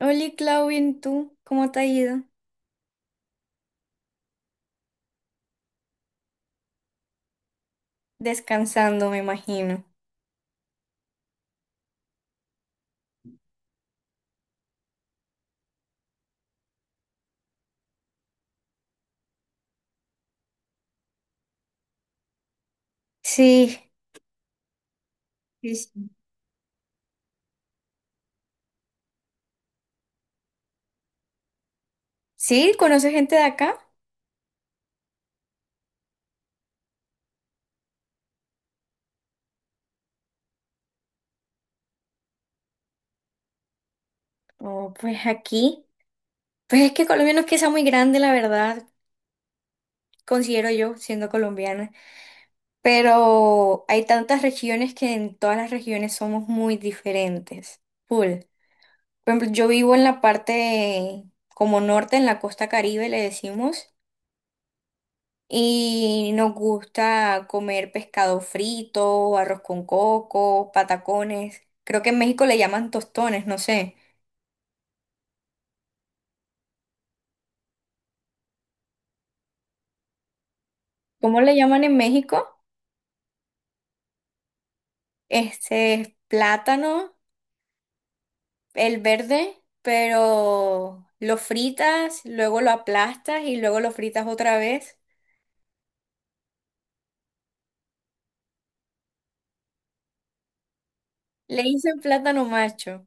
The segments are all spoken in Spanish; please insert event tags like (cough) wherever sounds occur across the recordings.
Hola, Claudia, ¿y tú? ¿Cómo te ha ido? Descansando, me imagino. Sí, sí, sí. ¿Sí? ¿Conoces gente de acá? Oh, pues aquí. Pues es que Colombia no es que sea muy grande, la verdad, considero yo, siendo colombiana. Pero hay tantas regiones que en todas las regiones somos muy diferentes. Full. Por ejemplo, yo vivo en la parte como norte, en la costa Caribe, le decimos. Y nos gusta comer pescado frito, arroz con coco, patacones. Creo que en México le llaman tostones, no sé. ¿Cómo le llaman en México? Este es plátano, el verde, pero lo fritas, luego lo aplastas y luego lo fritas otra vez. Le dicen plátano macho,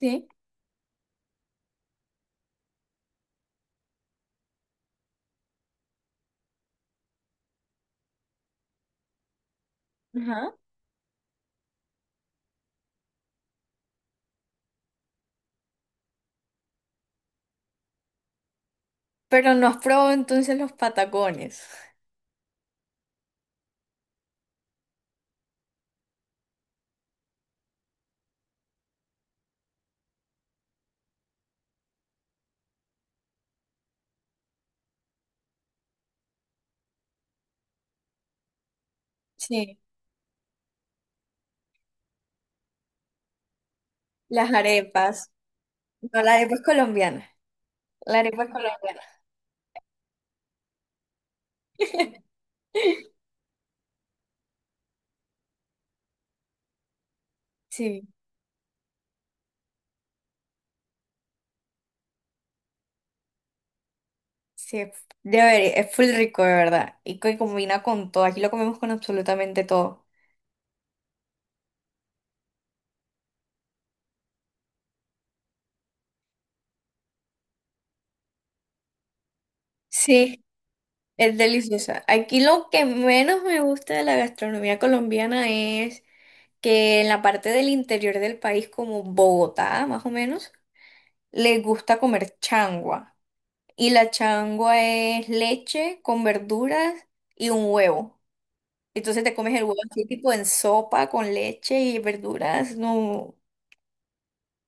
¿sí? Ajá. Pero no has probado entonces los patacones. Sí. Las arepas. No, la arepa es colombiana. La arepa es colombiana. (laughs) Sí, sí, debería, es full rico, de verdad. Y que combina con todo. Aquí lo comemos con absolutamente todo. Sí, es delicioso. Aquí lo que menos me gusta de la gastronomía colombiana es que en la parte del interior del país, como Bogotá, más o menos, les gusta comer changua. Y la changua es leche con verduras y un huevo. Entonces te comes el huevo así, tipo en sopa, con leche y verduras. No.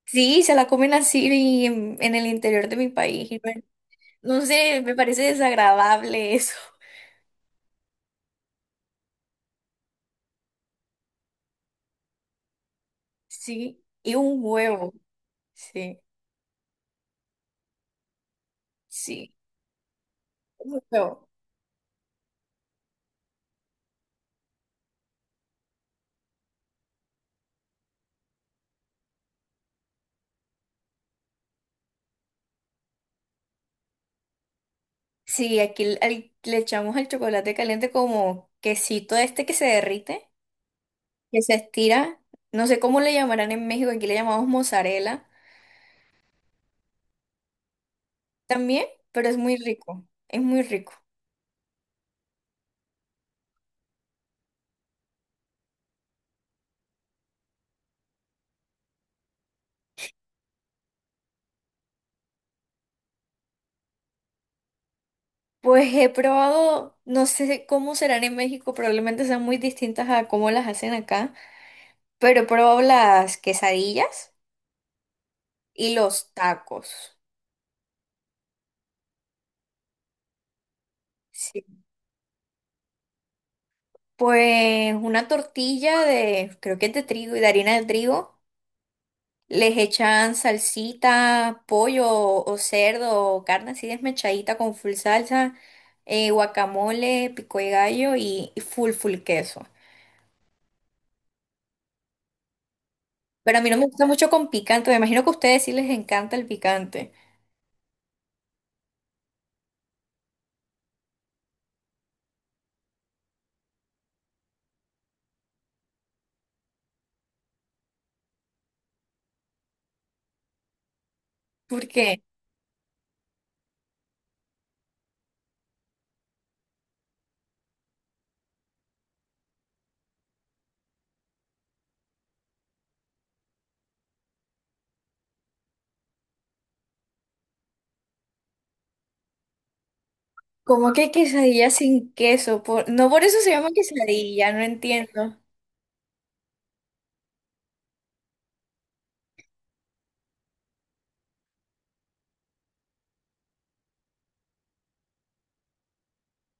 Sí, se la comen así y en el interior de mi país. Y bueno, no sé, me parece desagradable (laughs) eso. Sí, y un huevo. Sí, sí, un huevo. Sí, aquí le echamos al chocolate caliente como quesito este que se derrite, que se estira. No sé cómo le llamarán en México, aquí le llamamos mozzarella también, pero es muy rico, es muy rico. Pues he probado, no sé cómo serán en México, probablemente sean muy distintas a cómo las hacen acá. Pero probó las quesadillas y los tacos. Sí. Pues una tortilla de, creo que es de trigo y de harina de trigo. Les echan salsita, pollo o cerdo o carne así desmechadita con full salsa, guacamole, pico de gallo y full queso. Pero a mí no me gusta mucho con picante. Me imagino que a ustedes sí les encanta el picante. ¿Por qué? ¿Cómo que quesadilla sin queso? No por eso se llama quesadilla, no entiendo.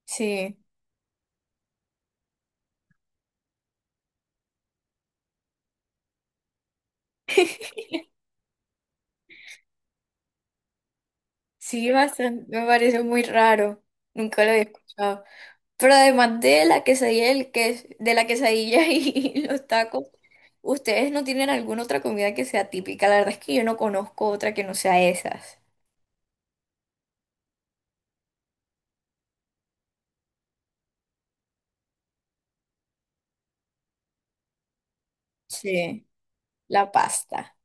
Sí. Sí, bastante, me parece muy raro. Nunca lo había escuchado. Pero además de la quesadilla, de la quesadilla (laughs) y los tacos, ¿ustedes no tienen alguna otra comida que sea típica? La verdad es que yo no conozco otra que no sea esas. Sí, la pasta.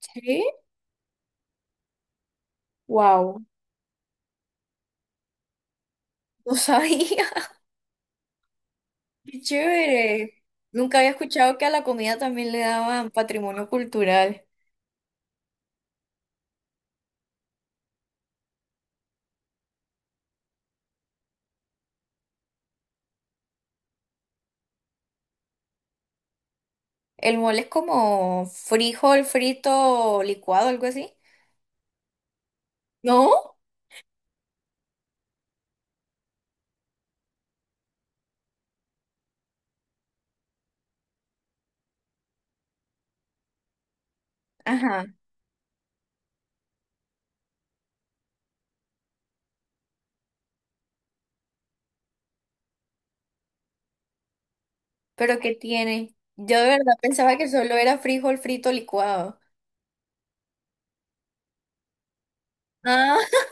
Sí, wow, no sabía. (laughs) Qué chévere. Nunca había escuchado que a la comida también le daban patrimonio cultural. El mole es como frijol frito licuado, algo así. ¿No? Ajá. Pero ¿qué tiene? Yo de verdad pensaba que solo era frijol frito licuado. Ah,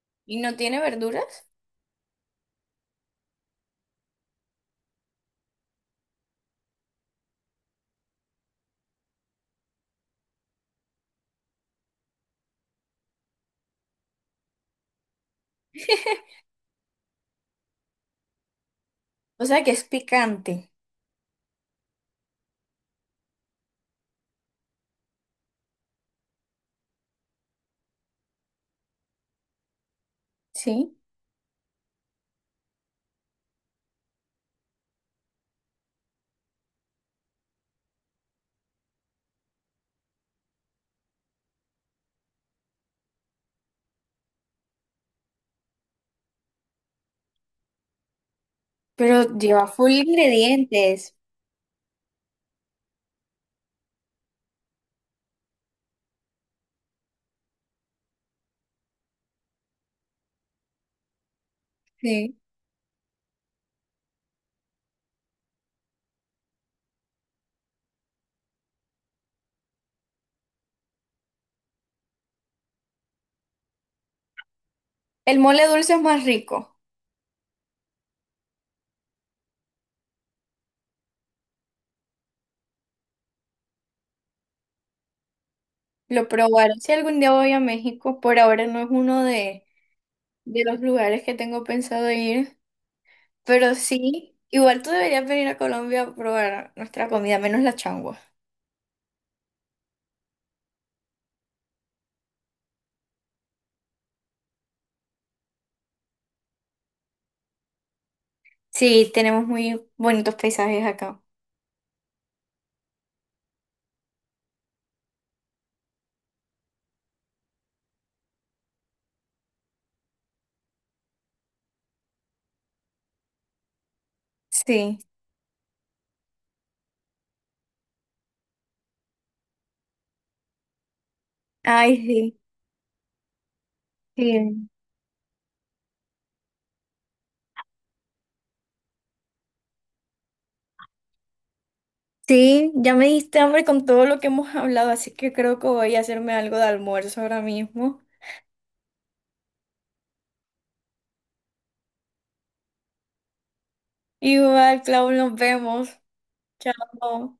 (laughs) ¿y no tiene verduras? O sea que es picante, ¿sí? Pero lleva full ingredientes. Sí. El mole dulce es más rico. Lo probaré si algún día voy a México. Por ahora no es uno de los lugares que tengo pensado ir. Pero sí, igual tú deberías venir a Colombia a probar nuestra comida, menos la changua. Sí, tenemos muy bonitos paisajes acá. Sí. Ay, sí. Sí, sí, ya me diste hambre con todo lo que hemos (laughs) hablado, así que creo que voy a hacerme algo de almuerzo ahora mismo. Igual, Clau, nos vemos. Chao.